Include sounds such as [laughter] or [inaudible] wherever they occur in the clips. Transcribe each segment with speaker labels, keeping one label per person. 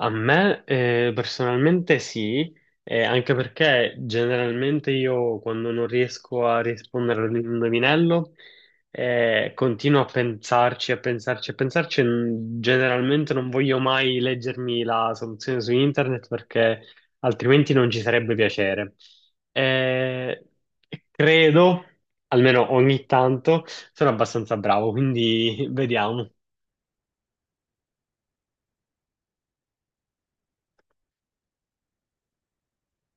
Speaker 1: A me personalmente sì, anche perché generalmente io quando non riesco a rispondere all'indovinello continuo a pensarci, a pensarci, a pensarci. Generalmente non voglio mai leggermi la soluzione su internet perché altrimenti non ci sarebbe piacere. Eh, Credo, almeno ogni tanto, sono abbastanza bravo, quindi [laughs] vediamo.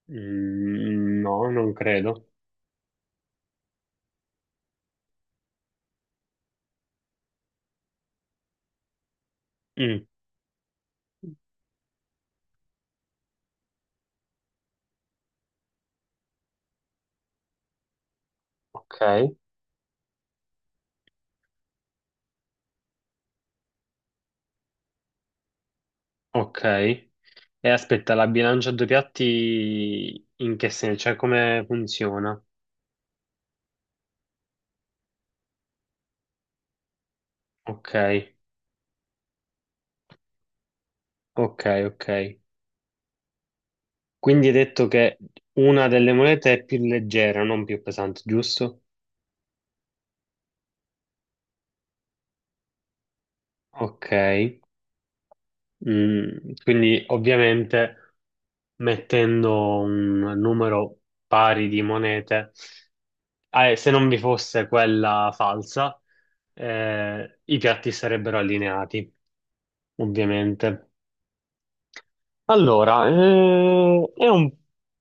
Speaker 1: Mm, no, non credo. Mm. Ok, ok. E aspetta, la bilancia a due piatti in che senso? Cioè, come funziona? Ok, ok. Quindi hai detto che una delle monete è più leggera, non più pesante, giusto? Ok. Mm, quindi ovviamente mettendo un numero pari di monete, ah, e se non vi fosse quella falsa, i piatti sarebbero allineati, ovviamente. Allora, è un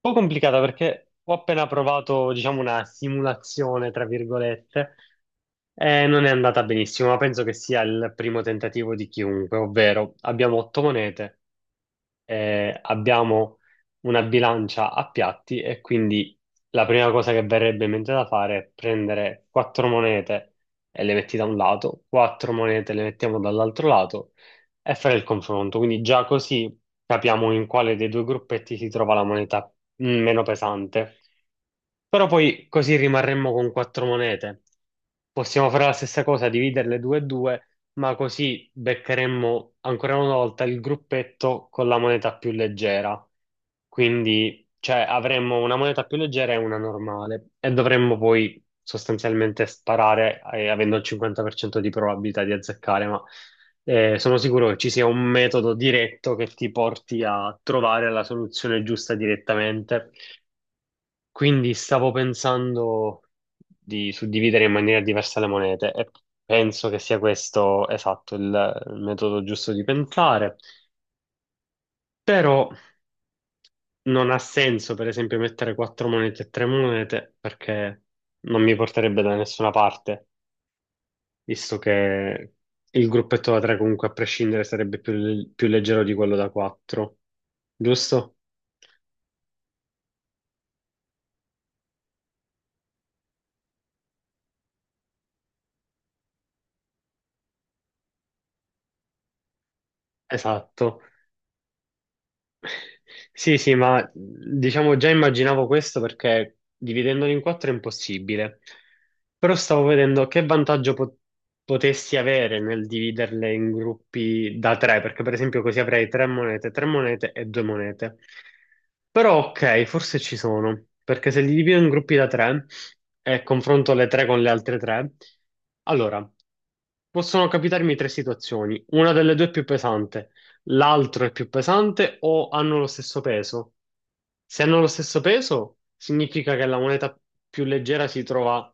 Speaker 1: po' complicata perché ho appena provato, diciamo, una simulazione, tra virgolette, e non è andata benissimo, ma penso che sia il primo tentativo di chiunque, ovvero abbiamo otto monete, abbiamo una bilancia a piatti e quindi la prima cosa che verrebbe in mente da fare è prendere quattro monete e le metti da un lato, quattro monete le mettiamo dall'altro lato e fare il confronto. Quindi già così capiamo in quale dei due gruppetti si trova la moneta, meno pesante. Però poi così rimarremmo con quattro monete. Possiamo fare la stessa cosa, dividerle due e due, ma così beccheremmo ancora una volta il gruppetto con la moneta più leggera. Quindi, cioè, avremmo una moneta più leggera e una normale e dovremmo poi sostanzialmente sparare, avendo il 50% di probabilità di azzeccare, ma sono sicuro che ci sia un metodo diretto che ti porti a trovare la soluzione giusta direttamente. Quindi stavo pensando di suddividere in maniera diversa le monete e penso che sia questo esatto il metodo giusto di pensare, però non ha senso per esempio mettere quattro monete e tre monete perché non mi porterebbe da nessuna parte, visto che il gruppetto da tre comunque a prescindere sarebbe più leggero di quello da quattro, giusto? Esatto. Sì, sì, ma diciamo già immaginavo questo perché dividendolo in quattro è impossibile. Però stavo vedendo che vantaggio potessi avere nel dividerle in gruppi da tre, perché per esempio così avrei tre monete e due monete. Però ok, forse ci sono, perché se li divido in gruppi da tre e confronto le tre con le altre tre, allora possono capitarmi tre situazioni, una delle due è più pesante, l'altro è più pesante o hanno lo stesso peso. Se hanno lo stesso peso, significa che la moneta più leggera si trova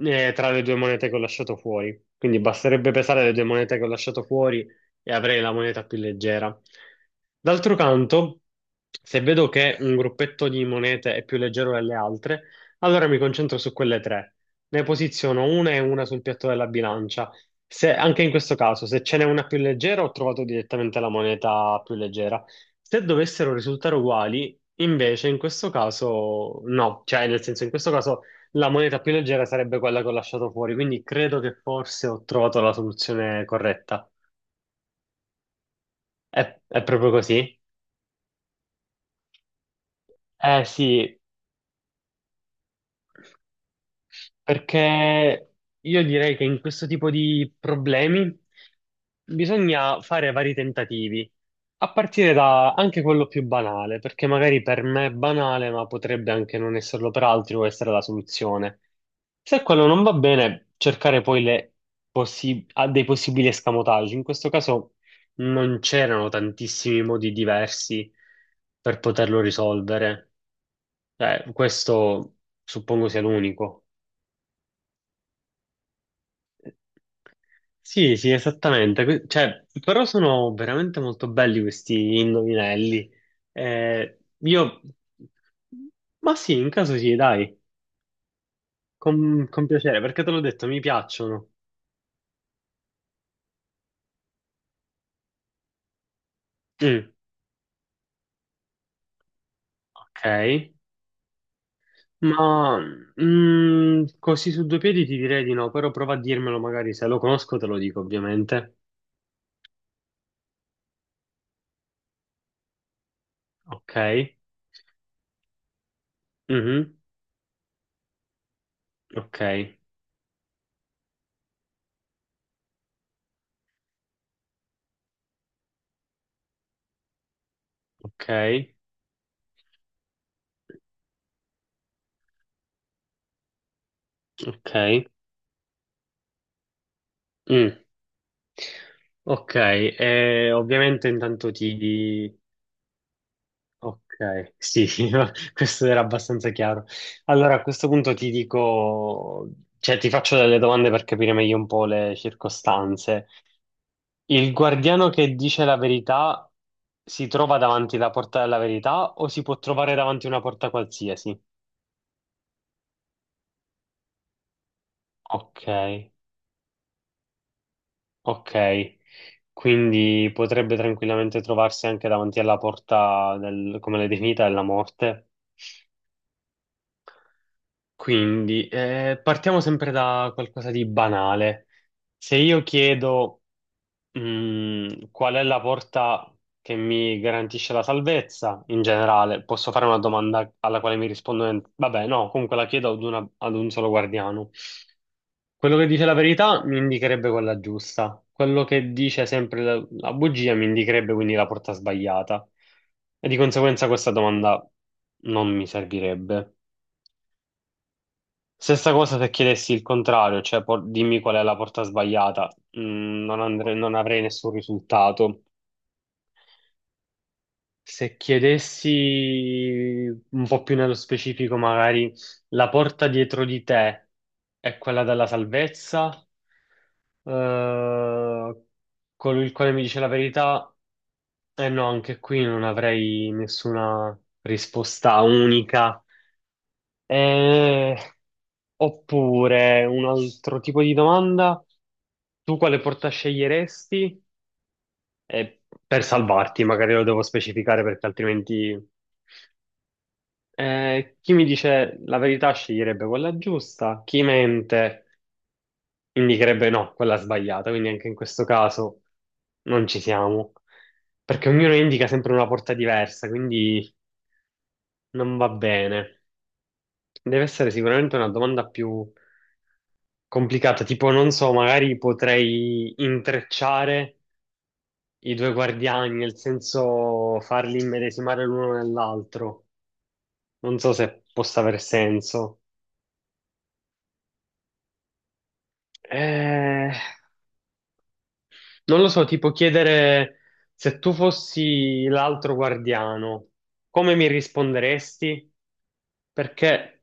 Speaker 1: tra le due monete che ho lasciato fuori. Quindi basterebbe pesare le due monete che ho lasciato fuori e avrei la moneta più leggera. D'altro canto, se vedo che un gruppetto di monete è più leggero delle altre, allora mi concentro su quelle tre. Ne posiziono una e una sul piatto della bilancia. Anche in questo caso, se ce n'è una più leggera, ho trovato direttamente la moneta più leggera. Se dovessero risultare uguali, invece, in questo caso, no. Cioè, nel senso, in questo caso. La moneta più leggera sarebbe quella che ho lasciato fuori, quindi credo che forse ho trovato la soluzione corretta. È proprio così? Eh sì. Perché io direi che in questo tipo di problemi bisogna fare vari tentativi, a partire da anche quello più banale, perché magari per me è banale, ma potrebbe anche non esserlo per altri o essere la soluzione. Se quello non va bene, cercare poi le possi- a dei possibili escamotaggi. In questo caso non c'erano tantissimi modi diversi per poterlo risolvere. Cioè, questo suppongo sia l'unico. Sì, sì, esattamente. Cioè, però sono veramente molto belli questi indovinelli. Io... Ma sì, in caso sì, dai, con piacere, perché te l'ho detto, mi piacciono. Mm, ok, ma mm, così su due piedi ti direi di no, però prova a dirmelo magari, se lo conosco te lo dico ovviamente. Ok, mhm, ok, ok, ok. Mm. Ok, ovviamente intanto ti... Ok, sì, [laughs] no, questo era abbastanza chiaro. Allora, a questo punto ti dico, cioè ti faccio delle domande per capire meglio un po' le circostanze. Il guardiano che dice la verità si trova davanti alla porta della verità o si può trovare davanti a una porta qualsiasi? Ok, ok. Quindi potrebbe tranquillamente trovarsi anche davanti alla porta del, come l'hai definita, della morte. Quindi, partiamo sempre da qualcosa di banale. Se io chiedo, qual è la porta che mi garantisce la salvezza, in generale, posso fare una domanda alla quale mi rispondono, vabbè, no, comunque la chiedo ad un solo guardiano. Quello che dice la verità mi indicherebbe quella giusta, quello che dice sempre la bugia mi indicherebbe quindi la porta sbagliata. E di conseguenza questa domanda non mi servirebbe. Stessa cosa se chiedessi il contrario, cioè dimmi qual è la porta sbagliata. Mm, non avrei nessun risultato. Se chiedessi un po' più nello specifico, magari la porta dietro di te è quella della salvezza, Eh, colui il quale mi dice la verità, eh no, anche qui non avrei nessuna risposta unica. Eh, Oppure un altro tipo di domanda, tu quale porta sceglieresti? Eh, per salvarti, magari lo devo specificare perché altrimenti chi mi dice la verità sceglierebbe quella giusta, chi mente indicherebbe no, quella sbagliata, quindi anche in questo caso non ci siamo, perché ognuno indica sempre una porta diversa, quindi non va bene. Deve essere sicuramente una domanda più complicata, tipo non so, magari potrei intrecciare i due guardiani, nel senso farli immedesimare l'uno nell'altro. Non so se possa aver senso. Eh, Non lo so, tipo chiedere se tu fossi l'altro guardiano, come mi risponderesti? Perché,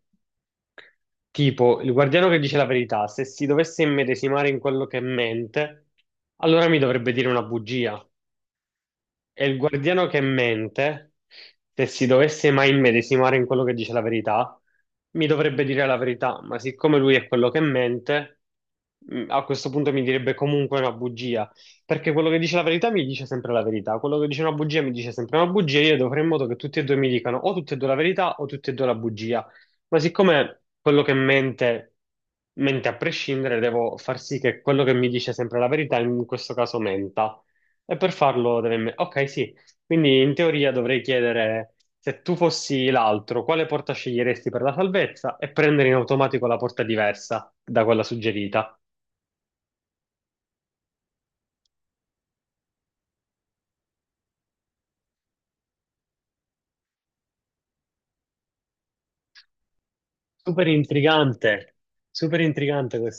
Speaker 1: tipo, il guardiano che dice la verità, se si dovesse immedesimare in quello che mente, allora mi dovrebbe dire una bugia. E il guardiano che mente, se si dovesse mai immedesimare in quello che dice la verità, mi dovrebbe dire la verità, ma siccome lui è quello che mente, a questo punto mi direbbe comunque una bugia, perché quello che dice la verità mi dice sempre la verità, quello che dice una bugia mi dice sempre una bugia, io dovrei fare in modo che tutti e due mi dicano o tutte e due la verità o tutte e due la bugia, ma siccome quello che mente mente a prescindere, devo far sì che quello che mi dice sempre la verità, in questo caso menta. E per farlo deve... Ok, sì. Quindi in teoria dovrei chiedere se tu fossi l'altro, quale porta sceglieresti per la salvezza e prendere in automatico la porta diversa da quella suggerita. Super intrigante, super intrigante